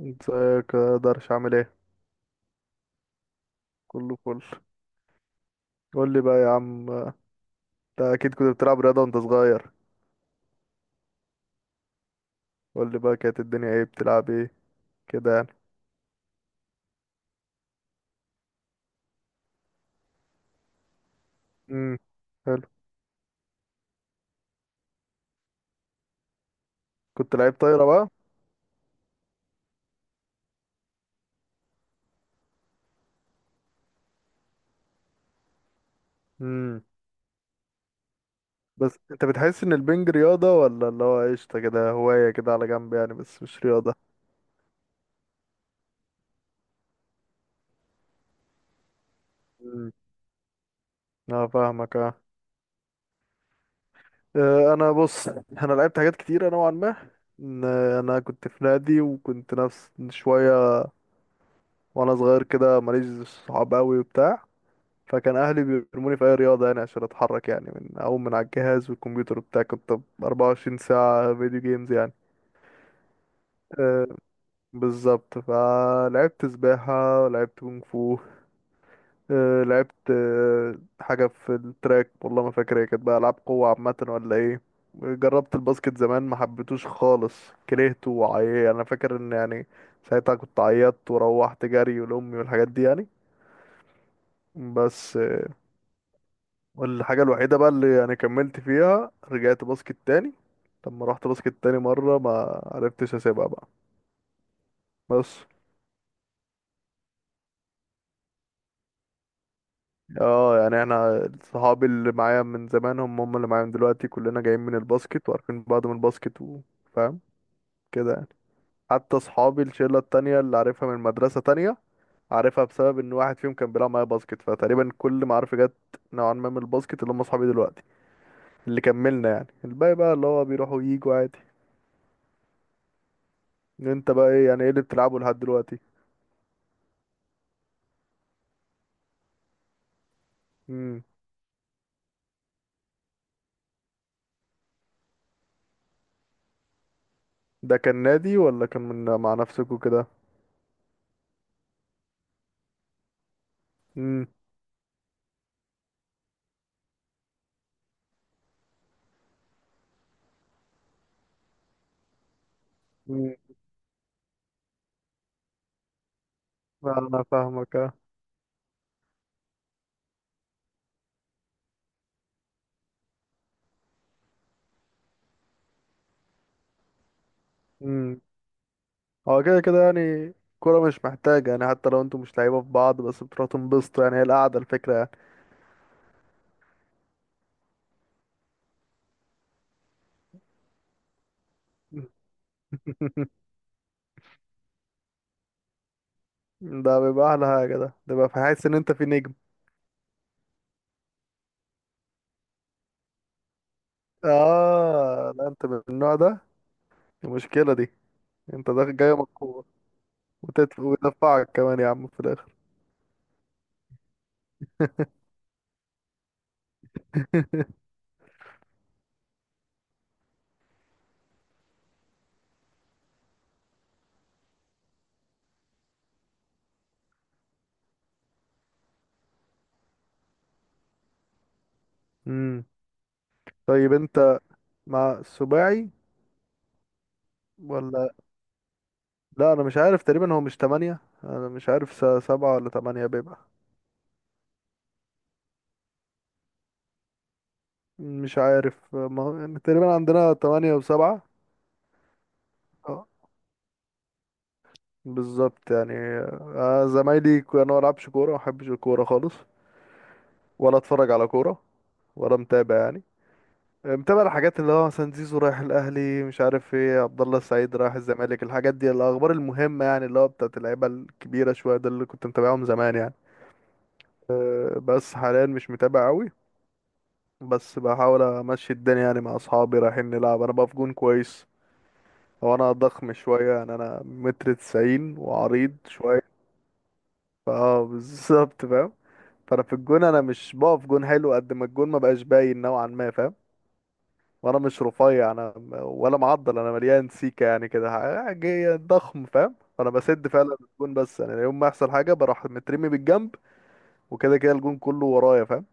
ازيك يا درش؟ عامل ايه؟ كله فل. قول لي بقى يا عم انت، اكيد كنت بتلعب رياضه وانت صغير. قول لي بقى، كانت الدنيا ايه؟ بتلعب ايه كده يعني؟ امم. حلو. كنت لعيب طايره بقى؟ امم. بس انت بتحس ان البنج رياضه ولا اللي هو قشطه كده، هوايه كده على جنب يعني بس مش رياضه؟ امم. اه فاهمك اه. اه، انا بص، انا لعبت حاجات كتيره نوعا ما. ان انا كنت في نادي وكنت نفس شويه، وانا صغير كده ماليش صحاب قوي وبتاع، فكان اهلي بيرموني في اي رياضه يعني عشان اتحرك يعني، من اقوم من على الجهاز والكمبيوتر وبتاع، كنت 24 ساعه فيديو جيمز يعني. أه بالظبط. فلعبت سباحه ولعبت كونغ فو، أه لعبت حاجه في التراك، والله ما فاكر هي كانت بقى العاب قوه عامه ولا ايه. جربت الباسكت زمان، ما حبيتوش خالص، كرهته وعيا. انا فاكر ان يعني ساعتها كنت عيطت وروحت جري ولامي والحاجات دي يعني. بس. والحاجة الوحيدة بقى اللي يعني كملت فيها، رجعت باسكت تاني. لما رحت باسكت تاني مرة ما عرفتش اسيبها بقى. بس. اه يعني احنا، صحابي اللي معايا من زمان هم هم اللي معايا من دلوقتي. كلنا جايين من الباسكت وعارفين بعض من الباسكت وفاهم كده يعني. حتى صحابي الشلة التانية اللي عارفها من مدرسة تانية، عارفها بسبب ان واحد فيهم كان بيلعب معايا باسكت. فتقريبا كل معارفي جت نوعا ما من الباسكت، اللي هم صحابي دلوقتي اللي كملنا يعني. الباقي بقى اللي هو بيروحوا وييجوا عادي. انت بقى ايه يعني؟ ايه اللي بتلعبه لحد دلوقتي؟ امم. ده كان نادي ولا كان من مع نفسك وكده؟ امم. امم. انا فاهمك اه. امم. هو كده كده يعني. كرة مش محتاجة يعني، حتى لو انتوا مش لعيبة في بعض، بس بتروحوا تنبسطوا يعني. هي القعدة الفكرة يعني. ده بيبقى أحلى حاجة. ده بيبقى في، حاسس إن أنت في نجم. آه لا أنت من النوع ده. المشكلة دي. أنت داخل جاي من الكورة، ويدفعك كمان يا عم في الآخر. امم. طيب أنت مع السباعي ولا؟ لا انا مش عارف، تقريبا هو مش تمانية؟ انا مش عارف سبعة ولا تمانية بيبقى. مش عارف، ما هو يعني تقريبا عندنا تمانية وسبعة. اه بالظبط يعني. زمايلي يعني انا ما بلعبش كورة، ما بحبش الكورة خالص، ولا اتفرج على كورة، ولا متابع يعني. متابع الحاجات اللي هو مثلا زيزو رايح الاهلي، مش عارف ايه، عبد الله السعيد رايح الزمالك، الحاجات دي، الاخبار المهمة يعني اللي هو بتاعت اللعيبة الكبيرة شوية، ده اللي كنت متابعهم زمان يعني. بس حاليا مش متابع قوي، بس بحاول امشي الدنيا يعني مع اصحابي رايحين نلعب. انا بقى في جون كويس، هو انا ضخم شويه يعني، انا متر تسعين وعريض شويه. فاه بالظبط فاهم. فانا في الجون، انا مش بقف جون حلو قد ما الجون ما بقاش باين نوعا ما، فاهم. وانا مش رفيع، انا ولا معضل، انا مليان سيكه يعني كده، جاي ضخم فاهم. فانا بسد فعلا الجون، بس انا يوم ما يحصل حاجه بروح مترمي بالجنب، وكده كده الجون كله ورايا فاهم.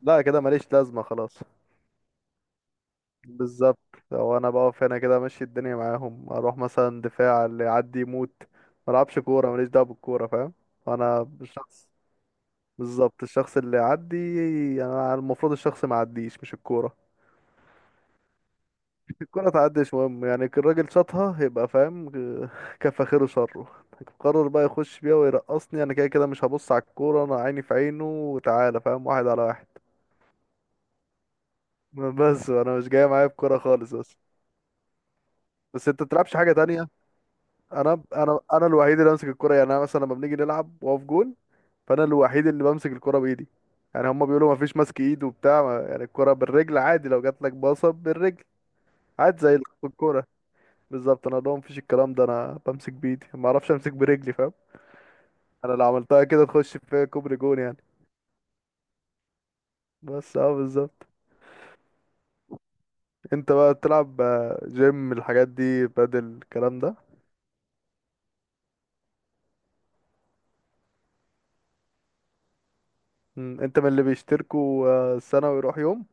لا كده ماليش لازمه خلاص. بالظبط. لو انا بقف هنا كده امشي الدنيا معاهم، اروح مثلا دفاع، اللي يعدي يموت. ما العبش كوره، ماليش دعوه بالكوره فاهم. انا الشخص، بالظبط الشخص اللي يعدي. يعني انا المفروض الشخص ما يعديش مش الكوره. الكوره تعديش مهم يعني، الراجل شاطها يبقى فاهم. كفى خيره شره. قرر بقى يخش بيها ويرقصني، انا كده كده مش هبص على الكوره، انا عيني في عينه وتعالى فاهم، واحد على واحد. بس انا مش جاي معايا بكوره خالص بس. بس انت تلعبش حاجه تانية. انا الوحيد اللي بمسك الكرة يعني. انا مثلا لما بنيجي نلعب واقف جون، فانا الوحيد اللي بمسك الكرة بايدي. يعني هما بيقولوا ما فيش ماسك ايد وبتاع، يعني الكرة بالرجل عادي، لو جات لك باصة بالرجل عادي زي الكرة. بالظبط، انا لهم مفيش الكلام ده، انا بمسك بايدي، ما اعرفش امسك برجلي فاهم. انا لو عملتها كده تخش في كوبري جون يعني. بس اه بالظبط. انت بقى بتلعب جيم، الحاجات دي بدل الكلام ده؟ انت من اللي بيشتركوا سنة ويروح يوم؟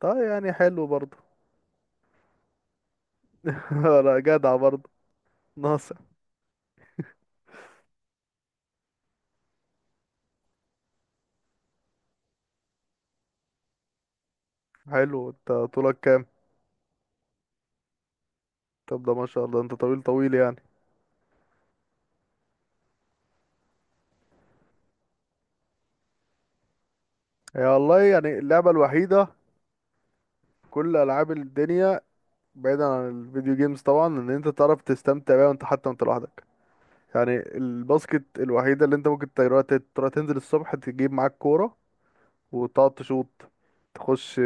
طيب يعني حلو برضه. لا جدع برضه. ناقص. حلو، انت طولك كام؟ طب ده ما شاء الله، انت طويل طويل يعني. هي والله يعني اللعبة الوحيدة في كل ألعاب الدنيا، بعيدا عن الفيديو جيمز طبعا، ان انت تعرف تستمتع بيها وانت حتى وانت لوحدك، يعني الباسكت الوحيدة اللي انت ممكن تروح تروح تنزل الصبح تجيب معاك كورة وتقعد تشوط، تخش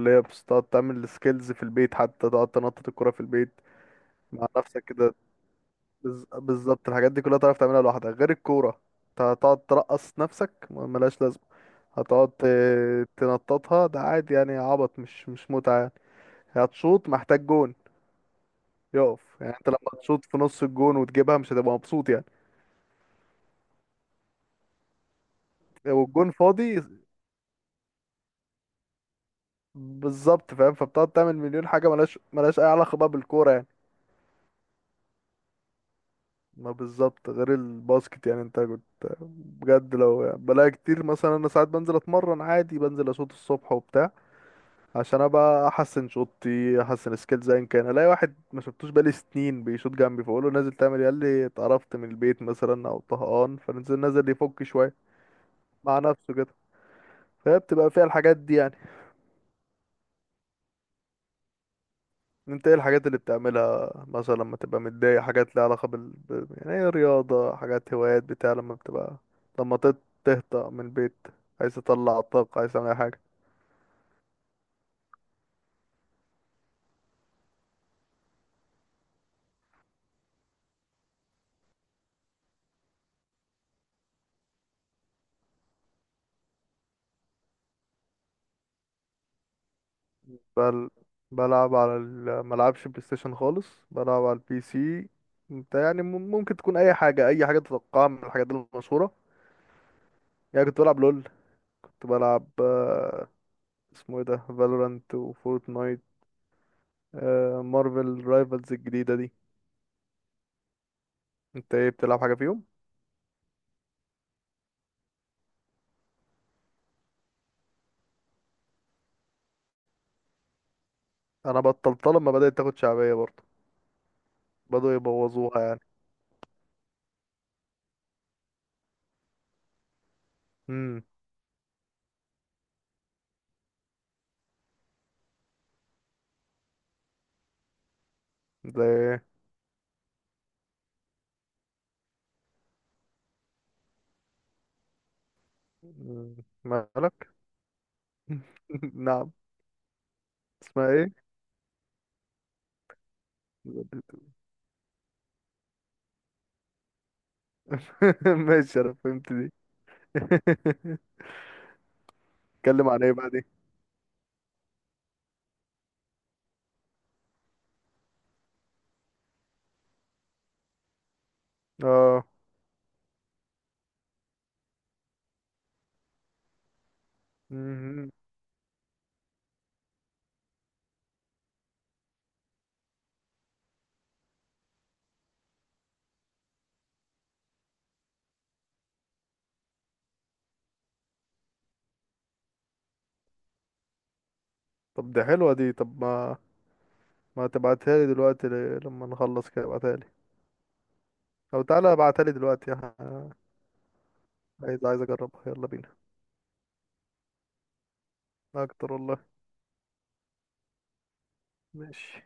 لابس، تقعد تعمل سكيلز في البيت، حتى تقعد تنطط الكورة في البيت مع نفسك كده. بالظبط، الحاجات دي كلها تعرف تعملها لوحدك غير الكورة. انت هتقعد ترقص نفسك ملهاش لازمة، هتقعد تنططها ده عادي يعني، عبط مش متعة يعني، هتشوط محتاج جون يقف يعني، انت لما تشوط في نص الجون وتجيبها مش هتبقى مبسوط يعني، والجون فاضي. بالظبط فاهم، فبتقعد تعمل مليون حاجة ملهاش أي علاقة بقى بالكورة يعني. ما بالظبط غير الباسكت يعني. انت كنت بجد لو يعني، بلاقي كتير مثلا، انا ساعات بنزل اتمرن عادي، بنزل اشوط الصبح وبتاع عشان ابقى احسن شوطي احسن سكيلز، ايا كان الاقي واحد ما شفتوش بقالي سنين بيشوط جنبي، فاقول له نازل تعمل ايه؟ قال لي اتقرفت من البيت مثلا او طهقان، فنزل نازل يفك شويه مع نفسه كده. فهي بتبقى فيها الحاجات دي يعني. انت ايه الحاجات اللي بتعملها مثلا لما تبقى متضايق، حاجات ليها علاقه يعني ايه، رياضه، حاجات، هوايات، بتاع لما بتبقى، لما تهطأ من البيت، عايز تطلع الطاقه، عايز تعمل اي حاجه؟ بل بلعب على ملعبش بلاي ستيشن خالص، بلعب على البي سي. انت يعني ممكن تكون اي حاجة، اي حاجة تتوقعها من الحاجات المشهورة. يعني كنت بلعب لول، كنت بلعب اسمه ايه ده، فالورانت وفورتنايت، مارفل رايفلز الجديدة دي. انت ايه بتلعب حاجة فيهم؟ انا بطلتها لما بدأت تاخد شعبية برضه، بدأوا يبوظوها يعني. امم. زي ايه؟ مم، مالك؟ نعم. اسمها ايه؟ ماشي انا فهمت دي. اتكلم عن ايه بقى دي؟ اه مهم. طب دي حلوة دي، طب ما، ما تبعتها لي دلوقتي، لما نخلص كده ابعتها لي، او تعالى ابعتها لي دلوقتي عايز اجربها، يلا بينا. اكتر والله. ماشي.